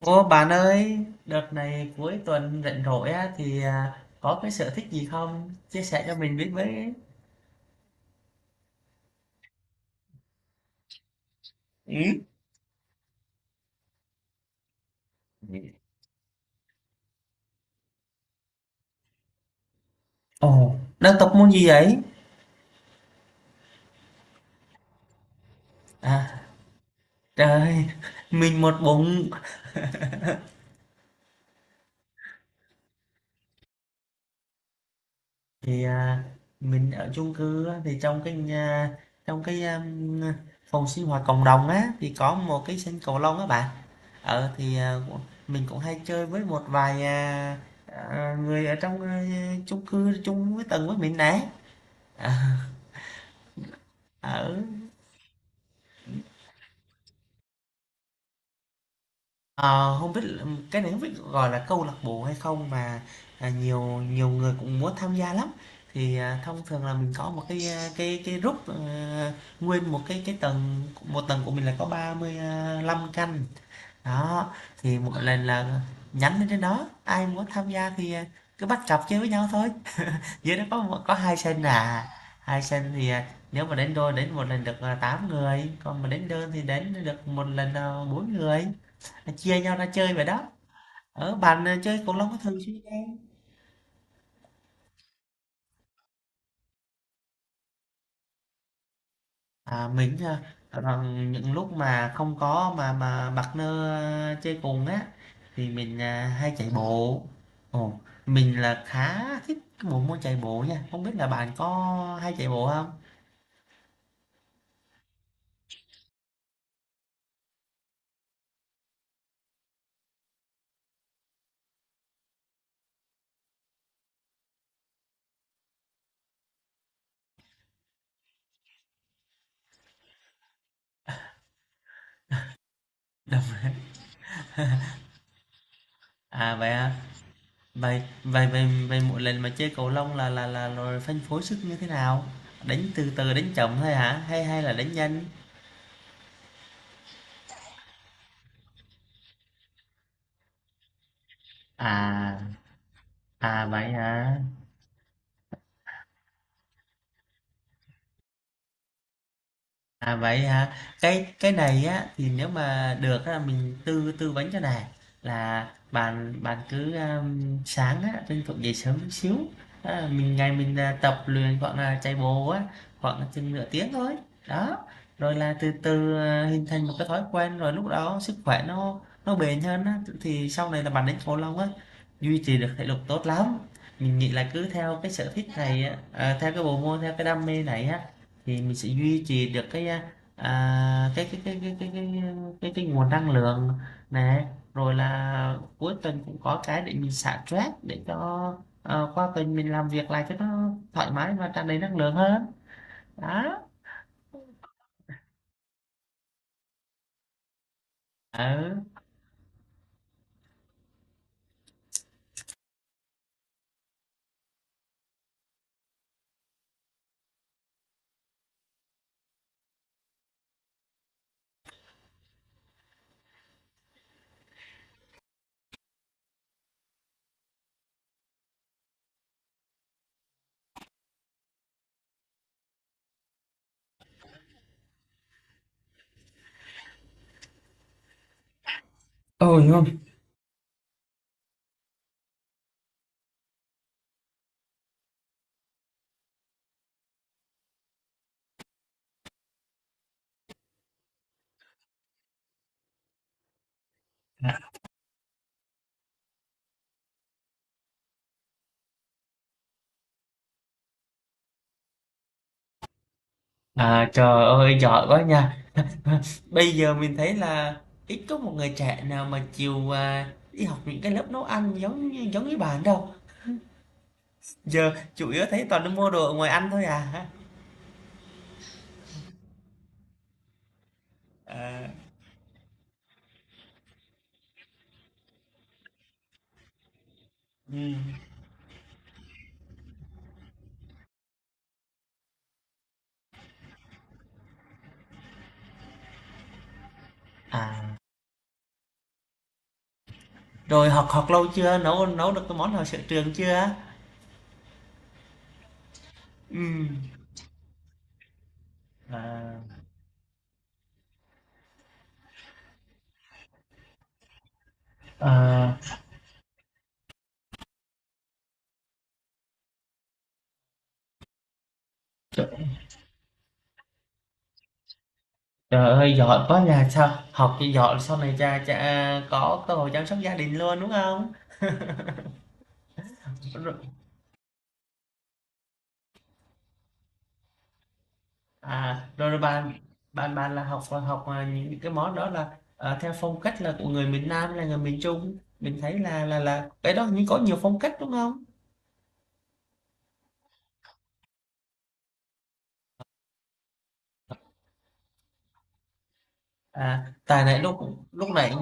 Ô bạn ơi, đợt này cuối tuần rảnh rỗi á, có cái sở thích gì không? Chia sẻ cho mình biết với. Ừ. Ồ, đang tập môn gì ấy? À, trời, mình một bụng thì à, mình ở chung cư á, thì trong cái nhà, trong cái phòng sinh hoạt cộng đồng á thì có một cái sân cầu lông á bạn. Ờ thì à, cũng- mình cũng hay chơi với một vài người ở trong chung cư chung với tầng với mình nè. Ở, ờ, không biết cái này không biết gọi là câu lạc bộ hay không mà, nhiều nhiều người cũng muốn tham gia lắm. Thông thường là mình có một cái, cái group, nguyên một cái tầng một tầng của mình là có 35 căn. Đó, thì một lần là nhắn lên trên đó, ai muốn tham gia thì cứ bắt cặp chơi với nhau thôi. Dưới đó có một có hai sân à, hai sân thì nếu mà đến đôi đến một lần được, 8 người, còn mà đến đơn thì đến được một lần, 4 người. Chia nhau ra chơi vậy đó, ở bạn à, chơi cầu lông có thường xuyên không? à mình à, rằng những lúc mà không có mà partner chơi cùng á thì mình hay chạy bộ. Ồ, mình là khá thích cái bộ môn chạy bộ nha, không biết là bạn có hay chạy bộ không? Đúng rồi. à vậy à vậy vậy vậy vậy mỗi lần mà chơi cầu lông là rồi phân phối sức như thế nào, đánh từ từ đánh chậm thôi hả hay hay là đánh nhanh? à vậy hả? À, vậy hả? Cái này á thì nếu mà được á mình tư tư vấn cho này là bạn bạn cứ sáng á tranh thủ dậy sớm chút xíu. À, mình ngày mình tập luyện khoảng là chạy bộ á khoảng chừng nửa tiếng thôi. Đó. Rồi là từ từ hình thành một cái thói quen rồi lúc đó sức khỏe nó bền hơn á, thì sau này là bạn đến cầu lông á duy trì được thể lực tốt lắm. Mình nghĩ là cứ theo cái sở thích này á, theo cái bộ môn theo cái đam mê này á thì mình sẽ duy trì được cái à, à, cái nguồn năng lượng này, rồi là cuối tuần cũng có cái để mình xả stress để cho qua tuần mình làm việc lại cho nó thoải mái và tràn đầy năng lượng hơn đó. Ừ. Ồ ngon. À, trời ơi giỏi quá nha. Bây giờ mình thấy là ít có một người trẻ nào mà chịu đi học những cái lớp nấu ăn giống như bạn đâu, giờ chủ yếu thấy toàn đi mua đồ ở ngoài ăn thôi à. À. Ừ. À, rồi học học lâu chưa? Nấu nấu được cái món nào sở trường chưa? Ừ. À. à, trời, trời ơi giỏi quá nhà, sao học thì giỏi sau này cha cha có cơ hội chăm sóc gia đình luôn đúng không? Rồi, à, rồi, rồi bạn bạn bạn là học học à, những cái món đó là à, theo phong cách là của người miền Nam hay là người miền Trung? Mình thấy là cái đó như có nhiều phong cách đúng không? À, tại nãy lúc lúc nãy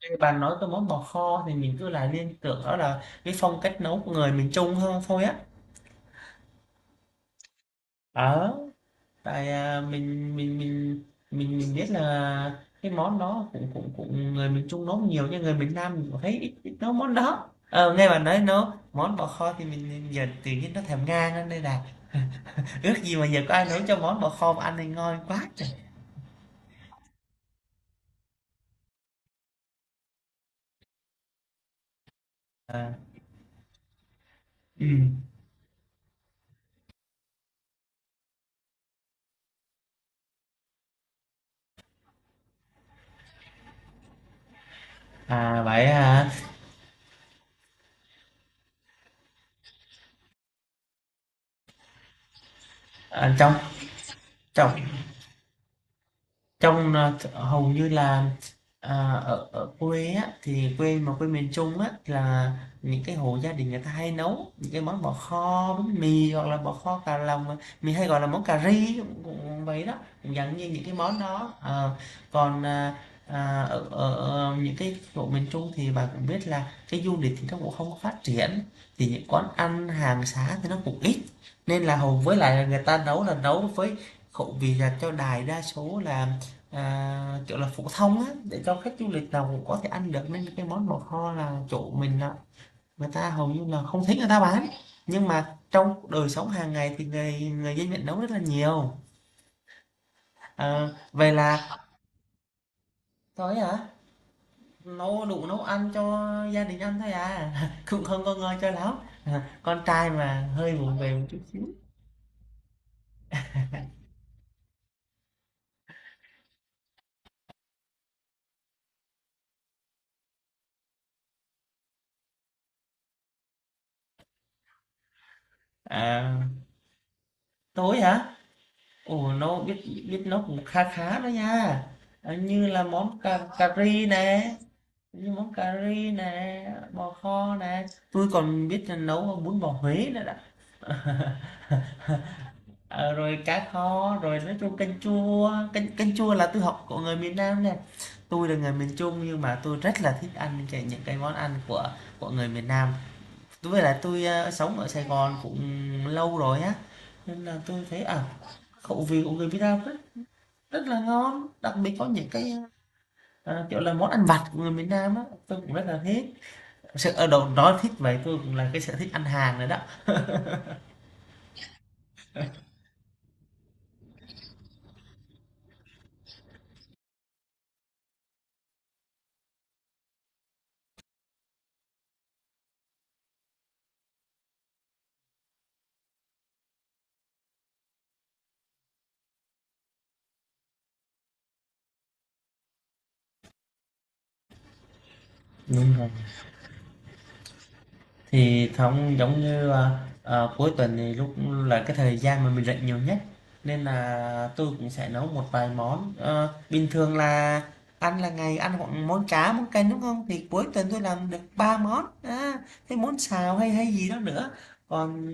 nghe bạn nói tới món bò kho thì mình cứ lại liên tưởng đó là cái phong cách nấu của người miền Trung hơn thôi á. Ờ, tại mình biết là cái món đó cũng cũng cũng người miền Trung nấu nhiều nhưng người miền Nam mình cũng thấy ít, ít nấu món đó. Ờ, nghe bạn nói nấu món bò kho thì mình giờ tự nhiên nó thèm ngang lên đây này. Ước gì mà giờ có ai nấu cho món bò kho mà ăn thì ngon quá trời. À. Ừ. À vậy hả? À, trong trong Trong, ờ, hầu như là, à, ở ở quê á, thì quê mà quê miền Trung á, là những cái hộ gia đình người ta hay nấu những cái món bò kho bánh mì hoặc là bò kho cà lòng, mà mình hay gọi là món cà ri cũng cũng vậy đó, cũng dạng như những cái món đó. Ờ, còn, ở ở ở những cái chỗ miền Trung thì bà cũng biết là cái du lịch thì nó cũng không có phát triển, thì những quán ăn hàng xá thì nó cũng ít, nên là hầu với lại là người ta nấu là nấu với khẩu vị là cho đại đa số là kiểu là phổ thông á để cho khách du lịch nào cũng có thể ăn được nên cái món lò kho là chỗ mình á người ta hầu như là không thấy người ta bán, nhưng mà trong đời sống hàng ngày thì người người dân Việt nấu rất là nhiều. À, vậy là thôi hả, nấu đủ nấu ăn cho gia đình ăn thôi à. Cũng không có ngon cho lắm, con trai mà hơi vụng về một chút xíu. à, tối hả? Ồ, nó biết, biết nó cũng khá khá đó nha. À, như là món cà, cà ri nè, như món cà ri nè, bò kho nè, tôi còn biết nấu bún bò Huế nữa đó. Ờ, rồi cá kho rồi nói chung canh chua, canh canh chua là tôi học của người miền Nam nè, tôi là người miền Trung nhưng mà tôi rất là thích ăn cái, những cái món ăn của người miền Nam. Tôi với lại tôi sống ở Sài Gòn cũng lâu rồi á nên là tôi thấy à khẩu vị của người miền Nam rất rất là ngon, đặc biệt có những cái kiểu là món ăn vặt của người miền Nam á tôi cũng rất là thích. Thực sự, đầu nói thích vậy, tôi cũng là cái sở thích ăn hàng nữa đó. Đúng rồi. Thì không giống như à, à, cuối tuần thì lúc là cái thời gian mà mình rảnh nhiều nhất, nên là tôi cũng sẽ nấu một vài món. Ờ, bình thường là ăn là ngày ăn khoảng món cá món canh đúng không, thì cuối tuần tôi làm được ba món, cái món xào hay hay gì đó nữa. Còn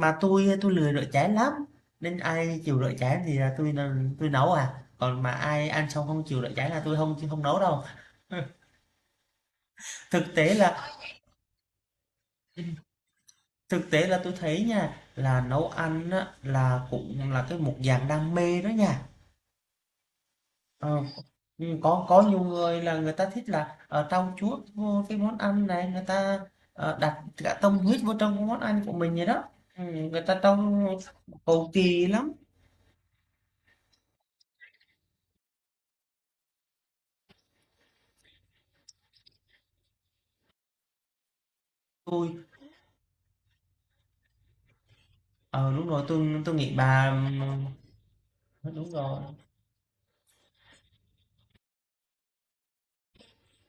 mà tôi lười rửa chén lắm nên ai chịu rửa chén thì là tôi nấu à, còn mà ai ăn xong không chịu rửa chén là tôi không không nấu đâu. thực tế là Thực tế là tôi thấy nha, là nấu ăn á, là cũng là cái một dạng đam mê đó nha. Ờ, ừ, có nhiều người là người ta thích là trau chuốt vô cái món ăn này, người ta đặt cả tâm huyết vô trong cái món ăn của mình vậy đó. Ừ, người ta trông cầu kỳ lắm. Tôi, ờ đúng rồi, tôi nghĩ bà, ừ,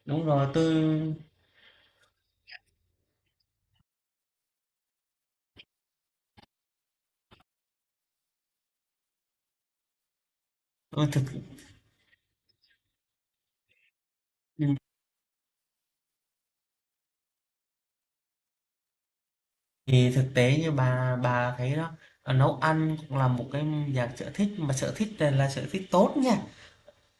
đúng rồi, tôi thực, ừ, thì thực tế như bà thấy đó, nấu ăn cũng là một cái dạng sở thích mà sở thích này là sở thích tốt nha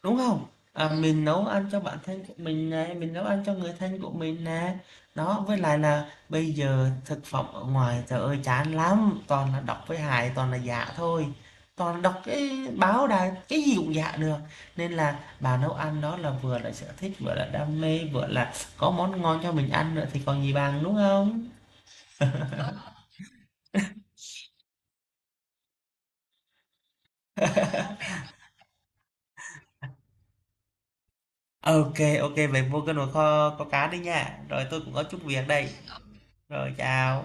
đúng không? Mình nấu ăn cho bản thân của mình này, mình nấu ăn cho người thân của mình nè đó, với lại là bây giờ thực phẩm ở ngoài trời ơi chán lắm, toàn là độc với hại toàn là giả thôi, toàn đọc cái báo đài cái gì cũng giả được, nên là bà nấu ăn đó là vừa là sở thích vừa là đam mê vừa là có món ngon cho mình ăn nữa thì còn gì bằng đúng không? OK, OK, vậy vô cái nồi kho có cá đi nha. Rồi tôi cũng có chút việc đây. Rồi chào.